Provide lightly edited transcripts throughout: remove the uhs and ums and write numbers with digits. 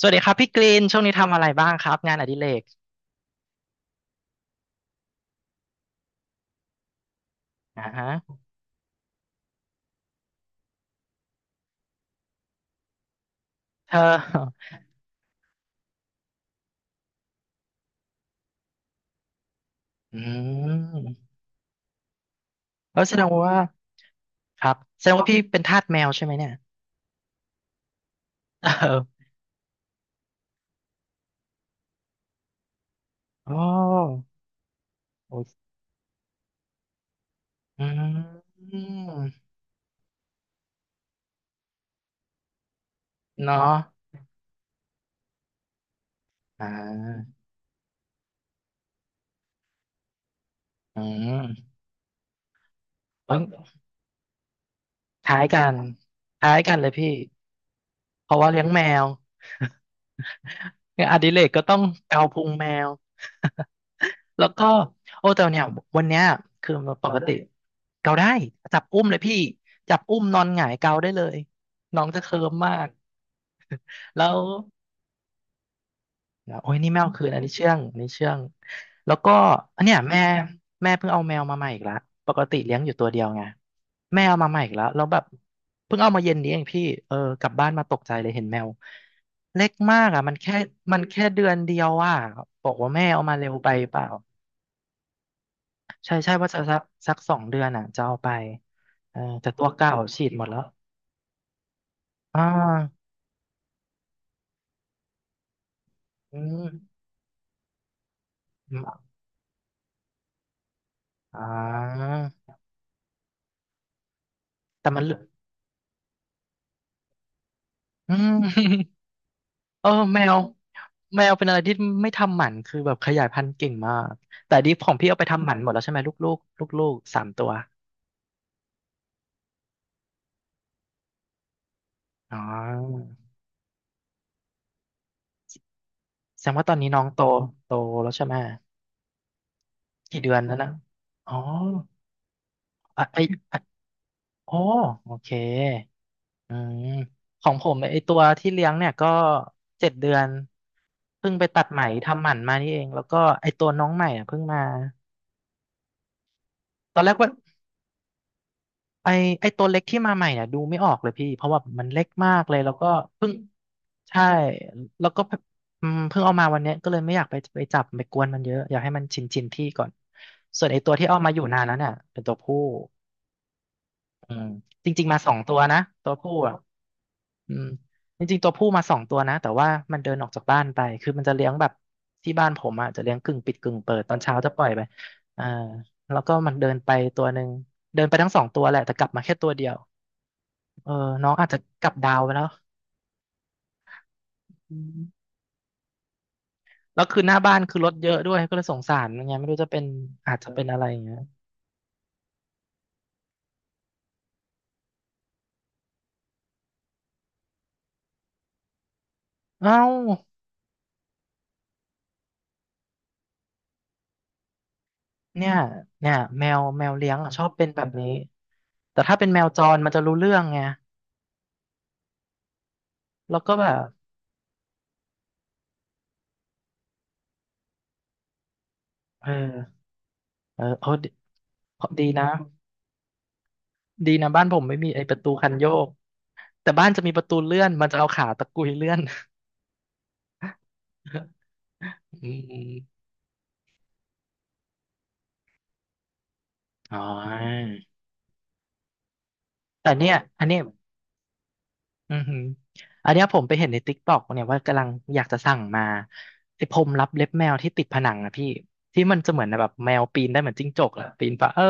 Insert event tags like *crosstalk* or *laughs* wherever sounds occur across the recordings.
สวัสดีครับพี่กรีนช่วงนี้ทำอะไรบ้างครับงานอดิเรกอ่าฮะเธออืมแล้วแสดงว่าครับแสดงว่าพี่เป็นทาสแมวใช่ไหมเนี่ยเออโอ้โอ้ยอืมเนาะอ่าอืมเอ้ยคล้ายกันคล้ายกันเลยพี่เพราะว่าเลี้ยงแมว *laughs* งานอดิเรกก็ต้องเกาพุงแมว แล้วก็โอ้แต่เนี่ยวันเนี้ยคือปกกติเกาได้จับอุ้มเลยพี่จับอุ้มนอนหงายเกาได้เลยน้องจะเคลิ้มมาก *laughs* แล้วโอ้ยนี่แมวคืนอันนี้เชื่องอันนี้เชื่องแล้วก็อันเนี้ยแม่เพิ่งเอาแมวมาใหม่อีกละปกติเลี้ยงอยู่ตัวเดียวไงแม่เอามาใหม่อีกแล้วแบบเพิ่งเอามาเย็นนี้เองพี่เออกลับบ้านมาตกใจเลยเห็นแมวเล็กมากอ่ะมันแค่เดือนเดียวอ่ะบอกว่าแม่เอามาเร็วไปเปล่า ใช่ใช่ว่าจะสัก2 เดือนอ่ะจะเอาไปเออแต่ตัวเก่าฉีดหมดแล้วอ่าอืมอมอ่าแต่มันเหลืออืม *laughs* เออแมวแมวเป็นอะไรที่ไม่ทำหมันคือแบบขยายพันธุ์เก่งมากแต่ดิฟของพี่เอาไปทำหมันหมดแล้วใช่ไหมลูกๆ3 ตัวอ๋อแสดงว่าตอนนี้น้องโตแล้วใช่ไหมกี่เดือนแล้วนะอ๋ออ่ะอ่ะโอ้โอเค อืมของผมไอตัวที่เลี้ยงเนี่ยก็เจ็ดเดือนเพิ่งไปตัดไหมทำหมันมานี่เองแล้วก็ไอตัวน้องใหม่อ่ะเพิ่งมาตอนแรกว่าไอไอตัวเล็กที่มาใหม่เนี่ยดูไม่ออกเลยพี่เพราะว่ามันเล็กมากเลยแล้วก็เพิ่งใช่แล้วก็อืมเพิ่งเอามาวันเนี้ยก็เลยไม่อยากไปจับไปกวนมันเยอะอยากให้มันชินที่ก่อนส่วนไอตัวที่เอามาอยู่นานแล้วเนี่ยเป็นตัวผู้อืมจริงๆมาสองตัวนะตัวผู้อ่ะ อืมจริงๆตัวผู้มาสองตัวนะแต่ว่ามันเดินออกจากบ้านไปคือมันจะเลี้ยงแบบที่บ้านผมอ่ะจะเลี้ยงกึ่งปิดกึ่งเปิดตอนเช้าจะปล่อยไปอ่าแล้วก็มันเดินไปตัวหนึ่งเดินไปทั้ง2 ตัวแหละแต่กลับมาแค่ตัวเดียวเออน้องอาจจะกลับดาวไปแล้วอืมแล้วคือหน้าบ้านคือรถเยอะด้วยก็เลยสงสารมันไงไม่รู้จะเป็นอาจจะเป็นอะไรอย่างเงี้ยเอ้าเนี่ยเนี่ยแมวเลี้ยงอะชอบเป็นแบบนี้แต่ถ้าเป็นแมวจรมันจะรู้เรื่องไงแล้วก็แบบเออเออโอ้ดีดีนะ ดีนะบ้านผมไม่มีไอ้ประตูคันโยกแต่บ้านจะมีประตูเลื่อนมันจะเอาขาตะกุยเลื่อน *laughs* อืมอ๋อแต่เนี่ยอันเนี้ยอือหืออันเนี้ยผมไปเห็นในติ๊กต็อกเนี่ยว่ากำลังอยากจะสั่งมาไอ้พรมรับเล็บแมวที่ติดผนังอะพี่ที่มันจะเหมือนแบบแมวปีนได้เหมือนจิ้งจกอะปีนปะเออ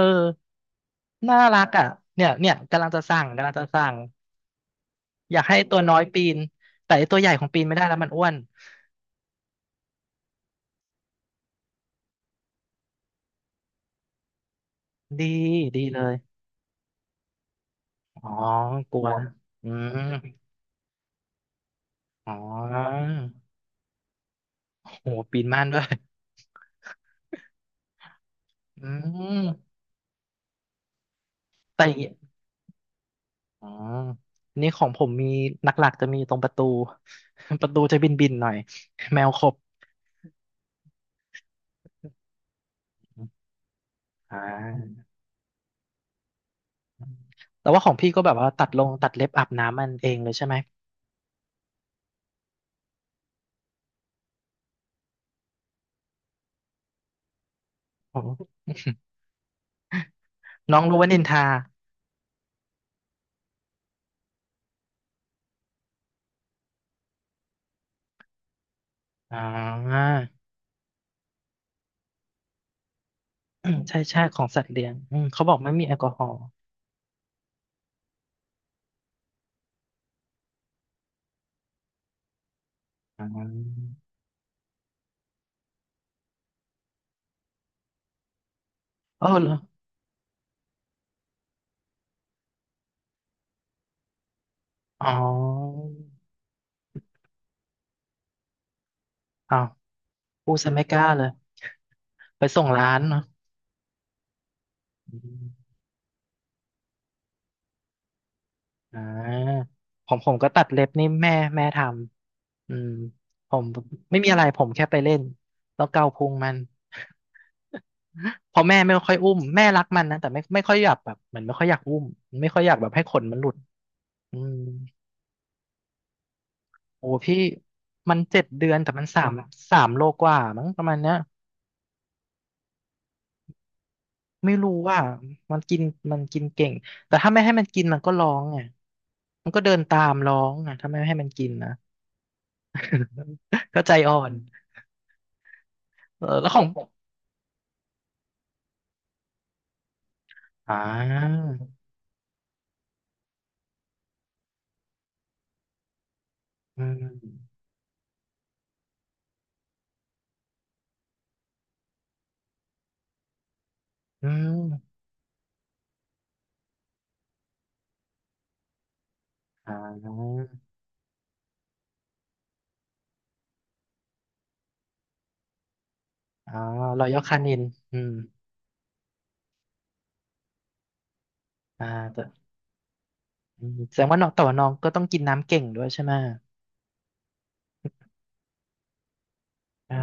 น่ารักอะเนี่ยกำลังจะสั่งอยากให้ตัวน้อยปีนแต่ไอ้ตัวใหญ่ของปีนไม่ได้แล้วมันอ้วนดีดีเลยอ๋อกลัวอืม อ๋อโหปีนม่านด้วยอืมแต่อย่างเงี้ยอ๋อนนี่ของผมมีหลักๆจะมีตรงประตู *laughs* ประตูจะบินๆหน่อย แมวขบอ่าแต่ว่าของพี่ก็แบบว่าตัดลงตัดเล็บอาบน้ำมันเองเลยใช่ไหมโอ้ *laughs* น้องรู้ว่านินทาอ่าอืม *coughs* ใช่ใช่ของสัตว์เลี้ยงอืมเขาบอกไม่มีแอลกอฮอล์อ่าเออเหรออ๋ออ้าวพูดซะไม่กล้าเลยไปส่งร้านเนาะ อ่าผมก็ตัดเล็บนี่แม่ทำอืมผมไม่มีอะไรผมแค่ไปเล่นแล้วเกาพุงมันเพอแม่ไม่ค่อยอุ้มแม่รักมันนะแต่ไม่ค่อยอยากแบบเหมือนไม่ค่อยอยากอุ้มไม่ค่อยอยากแบบให้ขนมันหลุดอืมโอ้พี่มันเจ็ดเดือนแต่มันสามโลกว่ามั้งประมาณเนี้ยไม่รู้ว่ามันกินเก่งแต่ถ้าไม่ให้มันกินมันก็ร้องไงมันก็เดินตามร้องอ่ะถ้าไม่ให้มันกินนะ *laughs* ก็ใจอ่อนเออแล้วของ อ่าอืมอืมอ่าอ่าลอยอคานินอืมอ่าแต่อืมแสดงว่าน้องแต่ว่าน้องก็ต้องกินน้ำเก่งด้วยใช่ไหมอ่า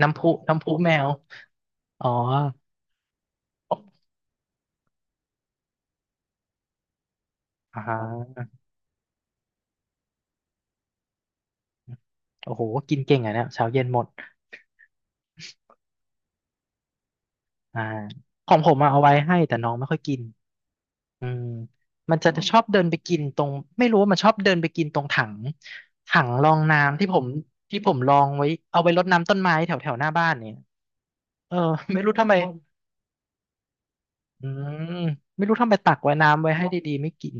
น้ำพุแมวอ๋ออ่าโอ้โหกินเก่งอ่ะเนี่ยเช้าเย็นหมดอ่าของผมอะเอาไว้ให้แต่น้องไม่ค่อยกินอืมมันจะชอบเดินไปกินตรงไม่รู้ว่ามันชอบเดินไปกินตรงถังรองน้ำที่ผมลองไว้เอาไว้รดน้ำต้นไม้แถวแถวหน้าบ้านเนี่ย เออไม่รู้ทำไมอืมไม่รู้ทำไมตักไว้น้ำไว้ให้ดีๆไม่กิน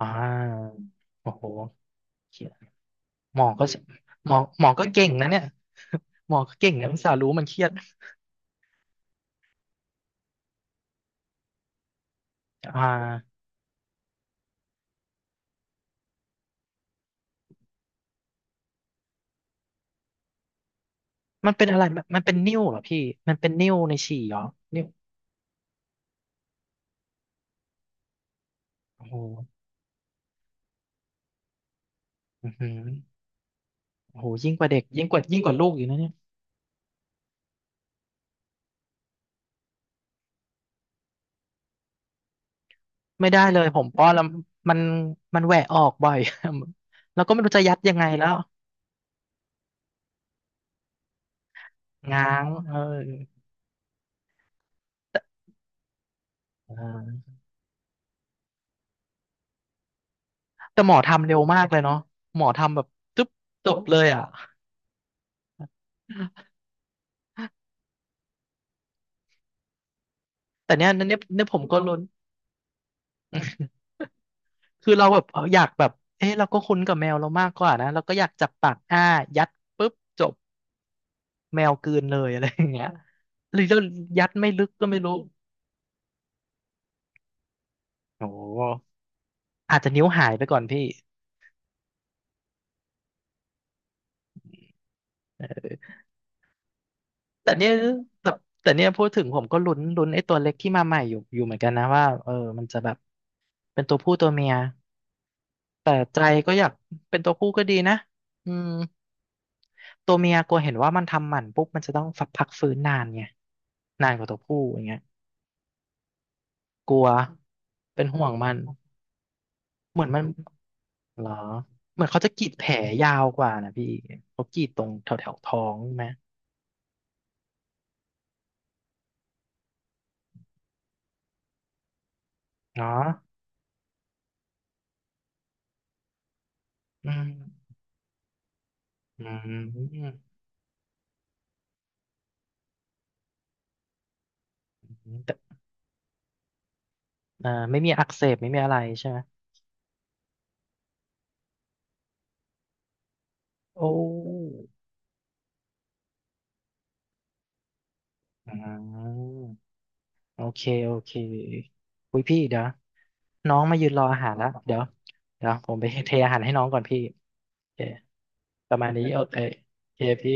อ่าโอ้โหเครียดหมอก็หมอก็เก่งนะเนี่ยหมอก็เก่งนะอุตส่าห์รู้มันเครียดอ่ามันเป็นอะไรมันเป็นนิ่วเหรอพี่มันเป็นนิ่วในฉี่เหรอนิ่วโอ้โหอือหือโอ้โหยิ่งกว่าเด็กยิ่งกว่าลูกอยู่นะเนี่ยไม่ได้เลยผมป้อนแล้วมันมันแหวะออกบ่อย *laughs* แล้วก็ไม่รู้จะยัดยังไงแล้วง้างเอออ่า แต่หมอทำเร็วมากเลยเนาะหมอทำแบบตึ๊บจบเลยอ่ะแต่เนี้ยเนี่ยเนี่ยผมก็ลุ้นคือเราแบบเอออยากแบบเอ๊ะเราก็คุ้นกับแมวเรามากกว่านะเราก็อยากจับปากอ้ายัดปุ๊บจบแมวกลืนเลยอะไรอย่างเงี้ยหรือเรายัดไม่ลึกก็ไม่รู้โอ้โหอาจจะนิ้วหายไปก่อนพี่แต่เนี่ยแต่แต่เนี่ยพูดถึงผมก็ลุ้นไอ้ตัวเล็กที่มาใหม่อยู่เหมือนกันนะว่าเออมันจะแบบเป็นตัวผู้ตัวเมียแต่ใจก็อยากเป็นตัวผู้ก็ดีนะอืม ตัวเมียกลัวเห็นว่ามันทำหมันปุ๊บมันจะต้องฝักพักฟื้นนานไงนานกว่าตัวผู้อย่างเงี้ยกลัวเป็นห่วงมันเหมือนมันเหรอเหมือนเขาจะกรีดแผลยาวกว่านะพี่เขากรีดตรงแถวแถวท้องใช่ไหมเนาะอืมอืมแต่ไม่มีอักเสบไม่มีอะไรใช่ไหมโอ้อ่าโอเคโอเคอุ้ยพี่เดี๋ยวน้องมายืนรออาหารแล้วเดี๋ยวเดี๋ยวผมไปเทอาหารให้น้องก่อนพี่โอเค ประมาณนี้โอเคโอเคพี่